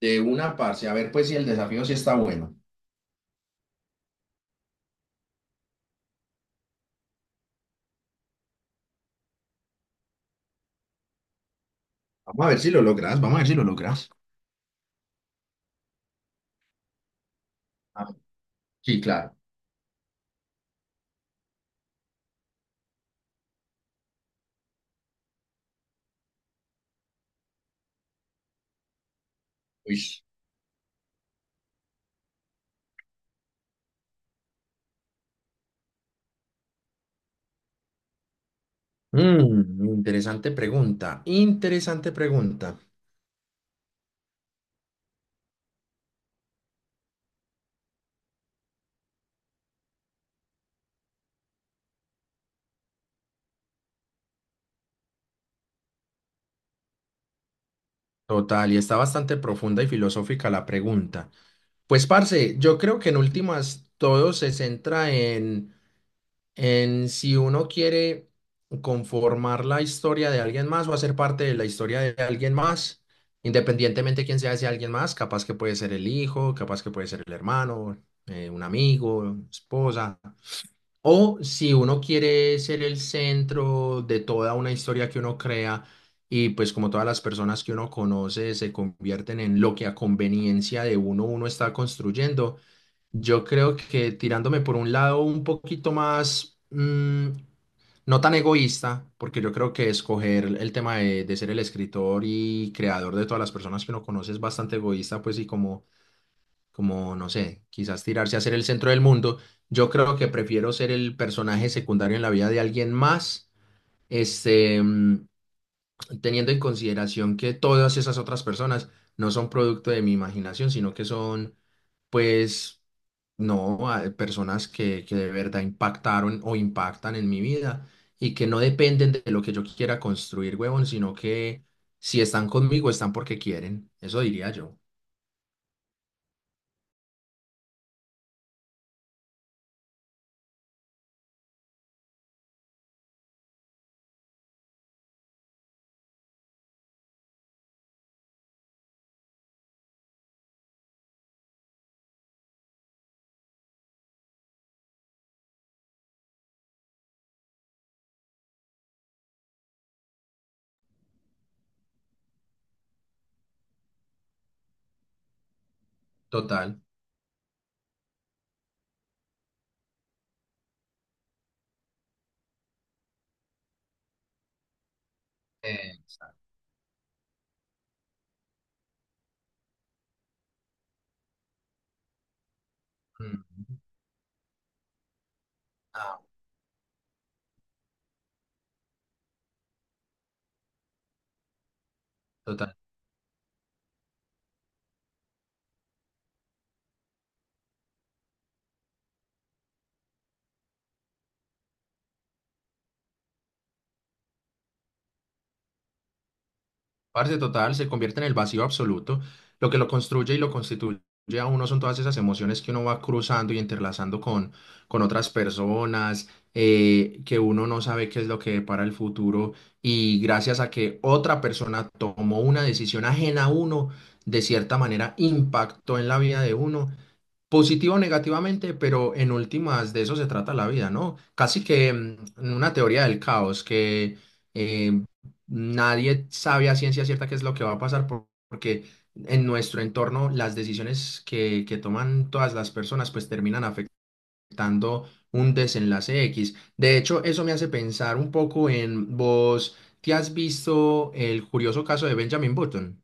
De una, parce. A ver, pues, si el desafío sí está bueno. Vamos a ver si lo logras. Vamos a ver si lo logras. Ah, sí, claro. Uish. Interesante pregunta, interesante pregunta. Total, y está bastante profunda y filosófica la pregunta. Pues, parce, yo creo que en últimas todo se centra en si uno quiere conformar la historia de alguien más o hacer parte de la historia de alguien más, independientemente de quién sea ese alguien más, capaz que puede ser el hijo, capaz que puede ser el hermano, un amigo, esposa, o si uno quiere ser el centro de toda una historia que uno crea. Y pues como todas las personas que uno conoce se convierten en lo que a conveniencia de uno está construyendo, yo creo que tirándome por un lado un poquito más, no tan egoísta, porque yo creo que escoger el tema de ser el escritor y creador de todas las personas que uno conoce es bastante egoísta, pues y como, como, no sé, quizás tirarse a ser el centro del mundo. Yo creo que prefiero ser el personaje secundario en la vida de alguien más, este, mm, teniendo en consideración que todas esas otras personas no son producto de mi imaginación, sino que son, pues, no, personas que de verdad impactaron o impactan en mi vida y que no dependen de lo que yo quiera construir, huevón, sino que si están conmigo, están porque quieren. Eso diría yo. Total. Eh, Mm, ah, total. Parce total, se convierte en el vacío absoluto. Lo que lo construye y lo constituye a uno son todas esas emociones que uno va cruzando y entrelazando con otras personas, que uno no sabe qué es lo que depara el futuro. Y gracias a que otra persona tomó una decisión ajena a uno, de cierta manera impactó en la vida de uno positivo o negativamente, pero en últimas de eso se trata la vida, ¿no? Casi que una teoría del caos, que eh, nadie sabe a ciencia cierta qué es lo que va a pasar, porque en nuestro entorno las decisiones que toman todas las personas pues terminan afectando un desenlace X. De hecho, eso me hace pensar un poco en vos, ¿te has visto El curioso caso de Benjamin Button?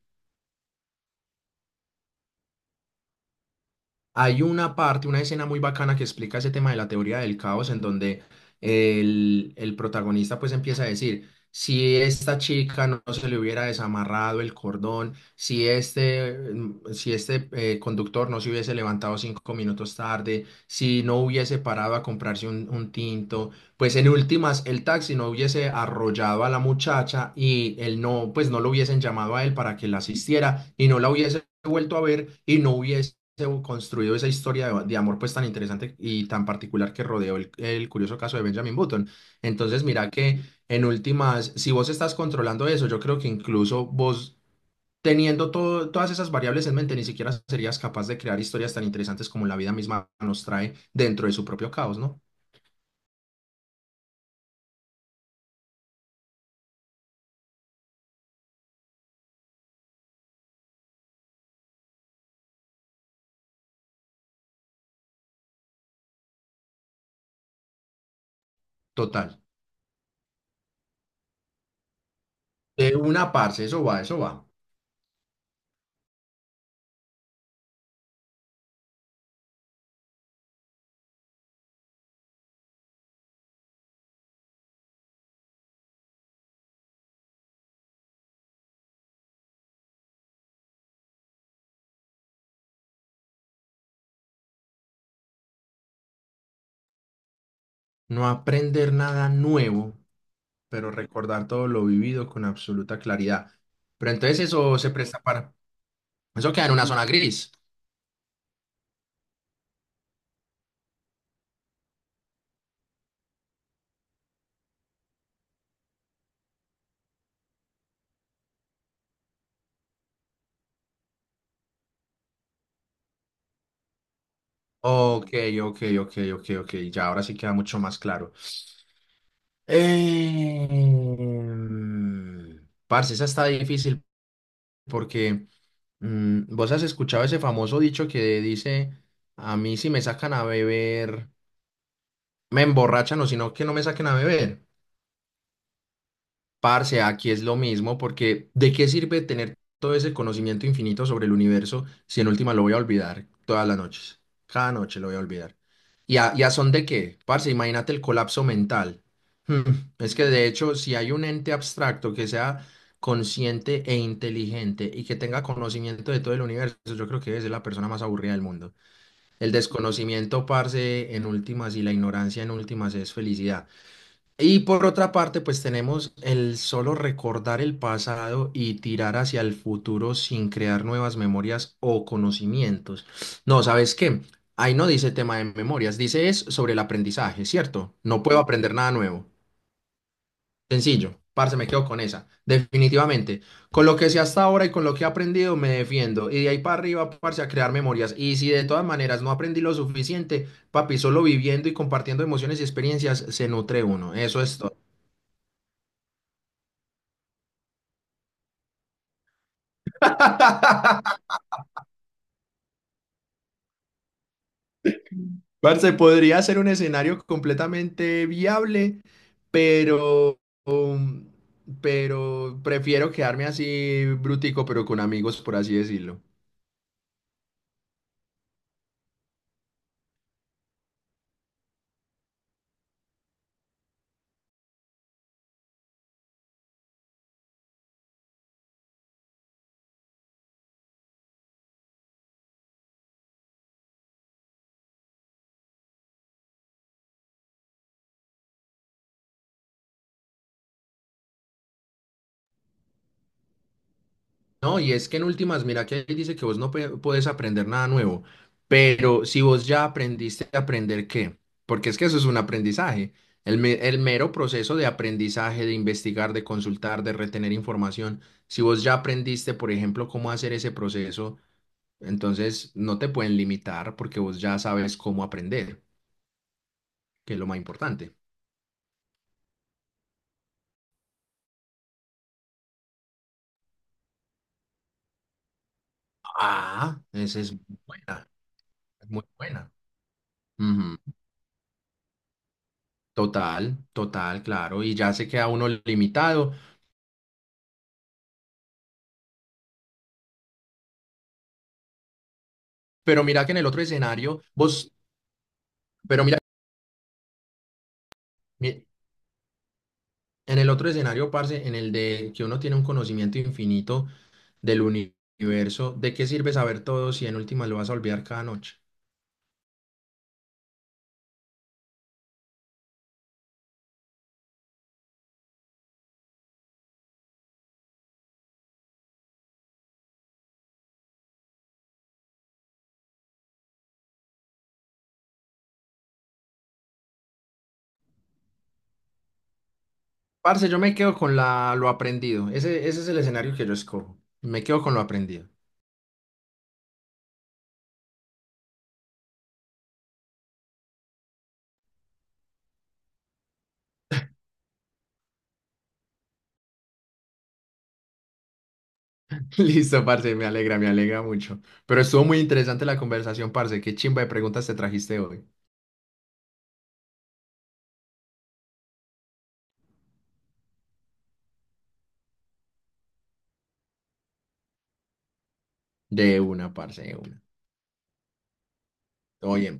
Hay una parte, una escena muy bacana que explica ese tema de la teoría del caos, en donde el protagonista pues empieza a decir, si esta chica no se le hubiera desamarrado el cordón, si este, si este conductor no se hubiese levantado cinco minutos tarde, si no hubiese parado a comprarse un tinto, pues en últimas el taxi no hubiese arrollado a la muchacha y él no, pues no lo hubiesen llamado a él para que la asistiera y no la hubiese vuelto a ver y no hubiese construido esa historia de amor pues tan interesante y tan particular que rodeó el curioso caso de Benjamin Button. Entonces, mira que en últimas, si vos estás controlando eso, yo creo que incluso vos teniendo todo, todas esas variables en mente, ni siquiera serías capaz de crear historias tan interesantes como la vida misma nos trae dentro de su propio caos, ¿no? Total. De una parte, eso va, eso va. No aprender nada nuevo, pero recordar todo lo vivido con absoluta claridad. Pero entonces eso se presta para... Eso queda en una zona gris. Ok, ok, ok, ok, ok. Ya ahora sí queda mucho más claro. Parce, esa está difícil porque vos has escuchado ese famoso dicho que dice, a mí si me sacan a beber, me emborrachan o si no, que no me saquen a beber. Parce, aquí es lo mismo, porque ¿de qué sirve tener todo ese conocimiento infinito sobre el universo si en última lo voy a olvidar todas las noches? Cada noche lo voy a olvidar. Y a son de qué? Parce, imagínate el colapso mental. Hmm, Es que de hecho, si hay un ente abstracto que sea consciente e inteligente y que tenga conocimiento de todo el universo, yo creo que es la persona más aburrida del mundo. El desconocimiento, parce, en últimas y la ignorancia en últimas es felicidad. Y por otra parte, pues tenemos el solo recordar el pasado y tirar hacia el futuro sin crear nuevas memorias o conocimientos. No, ¿sabes qué? Ahí no dice tema de memorias, dice es sobre el aprendizaje, ¿cierto? No puedo aprender nada nuevo. Sencillo, parce, me quedo con esa. Definitivamente. Con lo que sé hasta ahora y con lo que he aprendido, me defiendo. Y de ahí para arriba, parce, a crear memorias. Y si de todas maneras no aprendí lo suficiente, papi, solo viviendo y compartiendo emociones y experiencias se nutre uno. Eso es todo. Parce, podría ser un escenario completamente viable, pero, um, pero prefiero quedarme así brutico, pero con amigos, por así decirlo. No, y es que en últimas, mira que ahí dice que vos no puedes aprender nada nuevo, pero si vos ya aprendiste a aprender qué, porque es que eso es un aprendizaje. El mero proceso de aprendizaje, de investigar, de consultar, de retener información. Si vos ya aprendiste, por ejemplo, cómo hacer ese proceso. Entonces, no te pueden limitar porque vos ya sabes cómo aprender, que es lo más importante. Ah, esa es muy buena, es muy buena. Ujú. Total, total, claro. Y ya se queda uno limitado. Pero mira que en el otro escenario, vos, pero mira, mi- en el otro escenario, parce, en el de que uno tiene un conocimiento infinito del uni- universo, ¿de qué sirve saber todo si en última lo vas a olvidar cada noche? Parce, yo me quedo con la, lo aprendido. Ese es el escenario que yo escojo. Me quedo con lo aprendido. Listo, parce, me alegra mucho. Pero estuvo muy interesante la conversación, parce. Qué chimba de preguntas te trajiste hoy. De una, parce, de una. Todo bien.